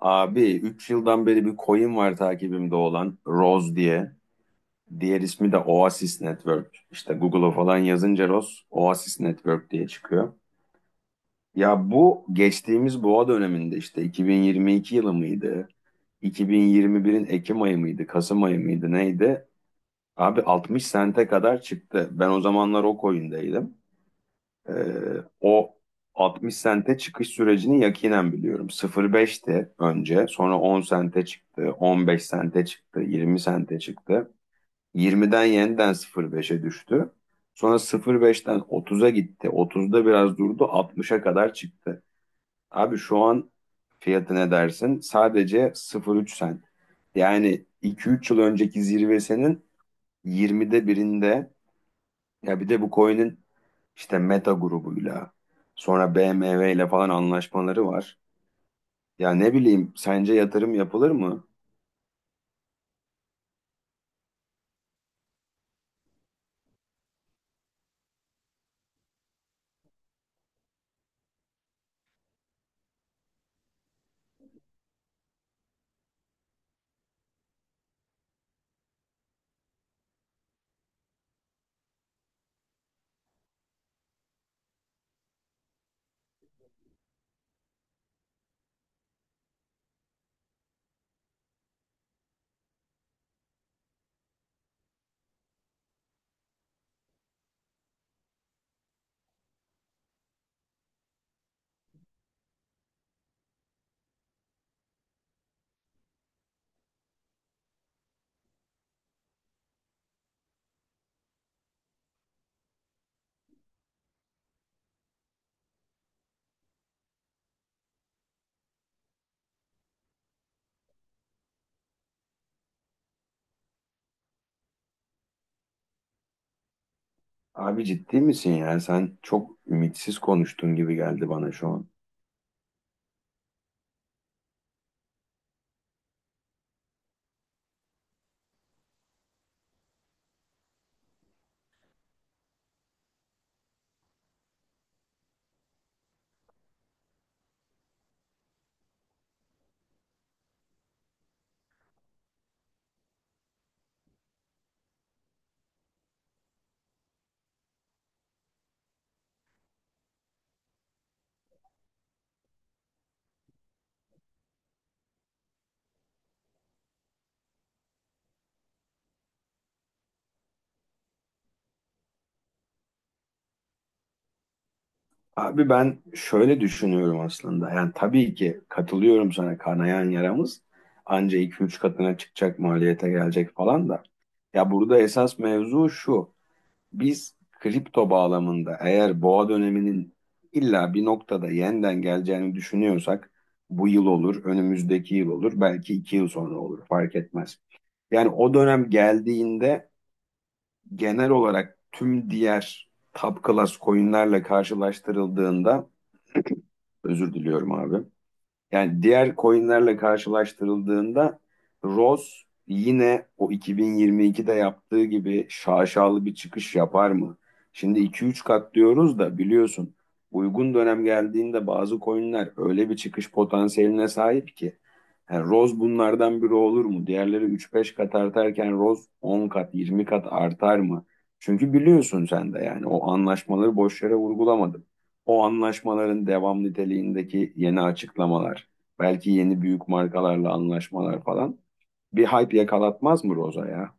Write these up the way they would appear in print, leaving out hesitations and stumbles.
Abi 3 yıldan beri bir coin var takibimde olan Rose diye. Diğer ismi de Oasis Network. İşte Google'a falan yazınca Rose Oasis Network diye çıkıyor. Ya bu geçtiğimiz boğa döneminde işte 2022 yılı mıydı? 2021'in Ekim ayı mıydı? Kasım ayı mıydı? Neydi? Abi 60 sente kadar çıktı. Ben o zamanlar o coin'deydim. Ee, o 60 sente çıkış sürecini yakinen biliyorum. 0.5'ti önce, sonra 10 sente çıktı, 15 sente çıktı, 20 sente çıktı. 20'den yeniden 0.5'e düştü. Sonra 0.5'ten 30'a gitti. 30'da biraz durdu, 60'a kadar çıktı. Abi şu an fiyatı ne dersin? Sadece 0.3 sent. Yani 2-3 yıl önceki zirvesinin 20'de birinde ya bir de bu coin'in işte Meta grubuyla sonra BMW ile falan anlaşmaları var. Ya ne bileyim sence yatırım yapılır mı? Abi ciddi misin ya? Sen çok ümitsiz konuştun gibi geldi bana şu an. Abi ben şöyle düşünüyorum aslında. Yani tabii ki katılıyorum sana, kanayan yaramız anca iki üç katına çıkacak, maliyete gelecek falan da. Ya burada esas mevzu şu. Biz kripto bağlamında eğer boğa döneminin illa bir noktada yeniden geleceğini düşünüyorsak, bu yıl olur, önümüzdeki yıl olur, belki iki yıl sonra olur fark etmez. Yani o dönem geldiğinde genel olarak tüm diğer top class coinlerle karşılaştırıldığında özür diliyorum abi. Yani diğer coinlerle karşılaştırıldığında Rose yine o 2022'de yaptığı gibi şaşalı bir çıkış yapar mı? Şimdi 2-3 kat diyoruz da biliyorsun, uygun dönem geldiğinde bazı coinler öyle bir çıkış potansiyeline sahip ki, yani Rose bunlardan biri olur mu? Diğerleri üç beş kat artarken Rose 10 kat, 20 kat artar mı? Çünkü biliyorsun sen de, yani o anlaşmaları boş yere vurgulamadım. O anlaşmaların devam niteliğindeki yeni açıklamalar, belki yeni büyük markalarla anlaşmalar falan bir hype yakalatmaz mı Rose'a ya?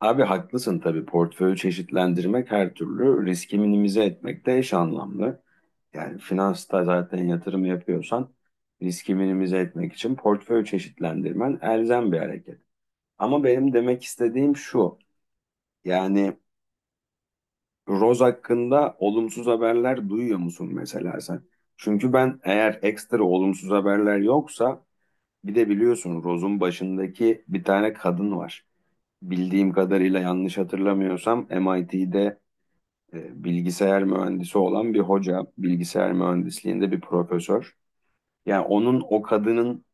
Abi haklısın tabii. Portföyü çeşitlendirmek her türlü riski minimize etmekte eş anlamlı. Yani finansta zaten yatırım yapıyorsan riski minimize etmek için portföyü çeşitlendirmen elzem bir hareket. Ama benim demek istediğim şu. Yani Roz hakkında olumsuz haberler duyuyor musun mesela sen? Çünkü ben eğer ekstra olumsuz haberler yoksa, bir de biliyorsun Roz'un başındaki bir tane kadın var. Bildiğim kadarıyla yanlış hatırlamıyorsam MIT'de bilgisayar mühendisi olan bir hoca, bilgisayar mühendisliğinde bir profesör. Yani onun o kadının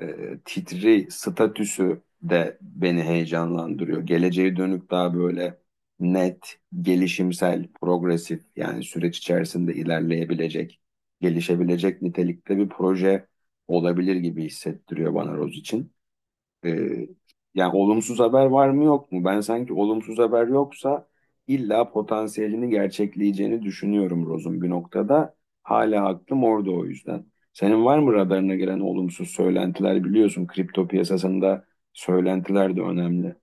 titri, statüsü de beni heyecanlandırıyor. Geleceğe dönük daha böyle net, gelişimsel, progresif, yani süreç içerisinde ilerleyebilecek, gelişebilecek nitelikte bir proje olabilir gibi hissettiriyor bana Roz için. Ee, Yani olumsuz haber var mı yok mu? Ben sanki olumsuz haber yoksa illa potansiyelini gerçekleyeceğini düşünüyorum Roz'un bir noktada. Hala aklım orada o yüzden. Senin var mı radarına gelen olumsuz söylentiler? Biliyorsun kripto piyasasında söylentiler de önemli.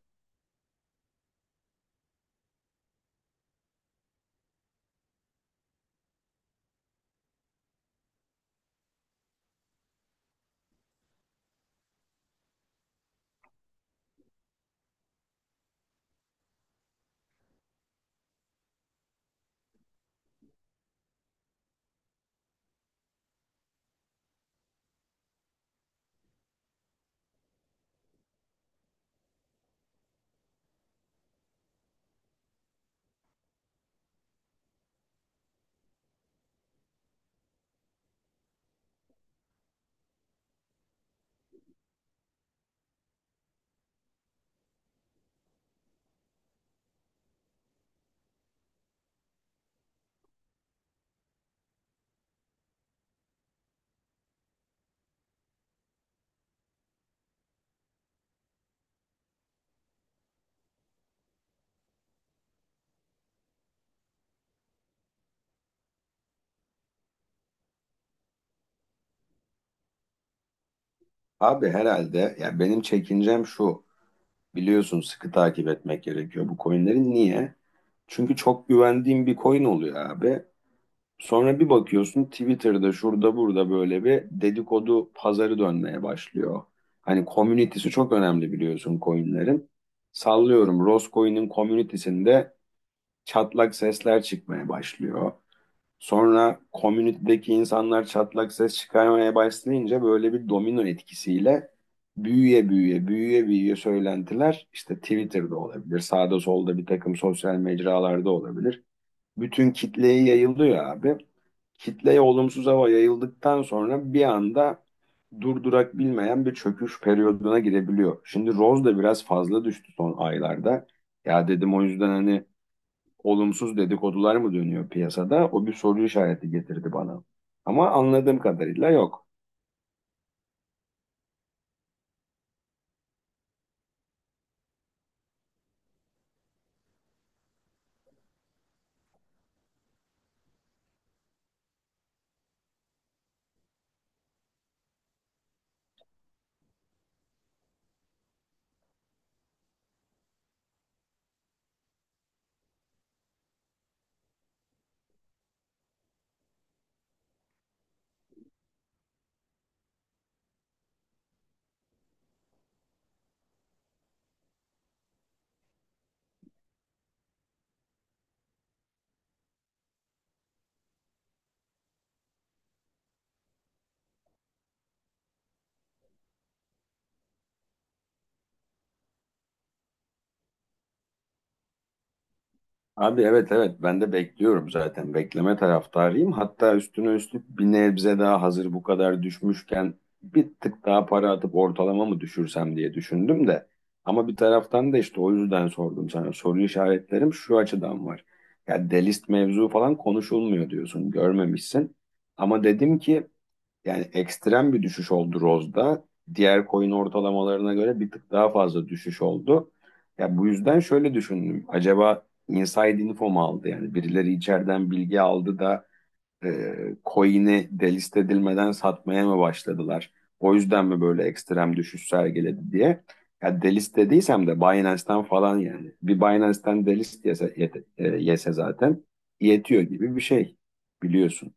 Abi herhalde, ya benim çekincem şu. Biliyorsun sıkı takip etmek gerekiyor bu coinlerin. Niye? Çünkü çok güvendiğim bir coin oluyor abi. Sonra bir bakıyorsun Twitter'da şurada burada böyle bir dedikodu pazarı dönmeye başlıyor. Hani community'si çok önemli biliyorsun coin'lerin. Sallıyorum Roscoe'nin community'sinde çatlak sesler çıkmaya başlıyor. Sonra community'deki insanlar çatlak ses çıkarmaya başlayınca böyle bir domino etkisiyle büyüye büyüye büyüye büyüye söylentiler işte Twitter'da olabilir, sağda solda bir takım sosyal mecralarda olabilir. Bütün kitleye yayılıyor abi, kitleye olumsuz hava yayıldıktan sonra bir anda durdurak bilmeyen bir çöküş periyoduna girebiliyor. Şimdi Rose da biraz fazla düştü son aylarda. Ya dedim o yüzden hani olumsuz dedikodular mı dönüyor piyasada? O bir soru işareti getirdi bana. Ama anladığım kadarıyla yok. Abi evet evet ben de bekliyorum zaten. Bekleme taraftarıyım. Hatta üstüne üstlük bir nebze daha, hazır bu kadar düşmüşken bir tık daha para atıp ortalama mı düşürsem diye düşündüm de. Ama bir taraftan da işte o yüzden sordum sana. Soru işaretlerim şu açıdan var. Ya delist mevzu falan konuşulmuyor diyorsun. Görmemişsin. Ama dedim ki yani ekstrem bir düşüş oldu Rose'da. Diğer coin ortalamalarına göre bir tık daha fazla düşüş oldu. Ya bu yüzden şöyle düşündüm. Acaba inside info mu aldı? Yani birileri içeriden bilgi aldı da e, coin'i delist edilmeden satmaya mı başladılar? O yüzden mi böyle ekstrem düşüş sergiledi diye. Ya delist dediysem de Binance'ten falan yani. Bir Binance'ten delist yese, yese zaten yetiyor gibi bir şey biliyorsun.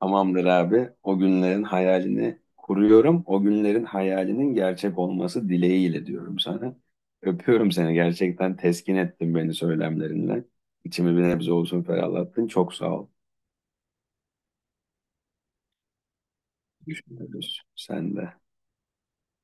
Tamamdır abi. O günlerin hayalini kuruyorum. O günlerin hayalinin gerçek olması dileğiyle diyorum sana. Öpüyorum seni. Gerçekten teskin ettin beni söylemlerinle. İçimi bir nebze olsun ferahlattın. Çok sağ ol. Düşünürüz. Sen de.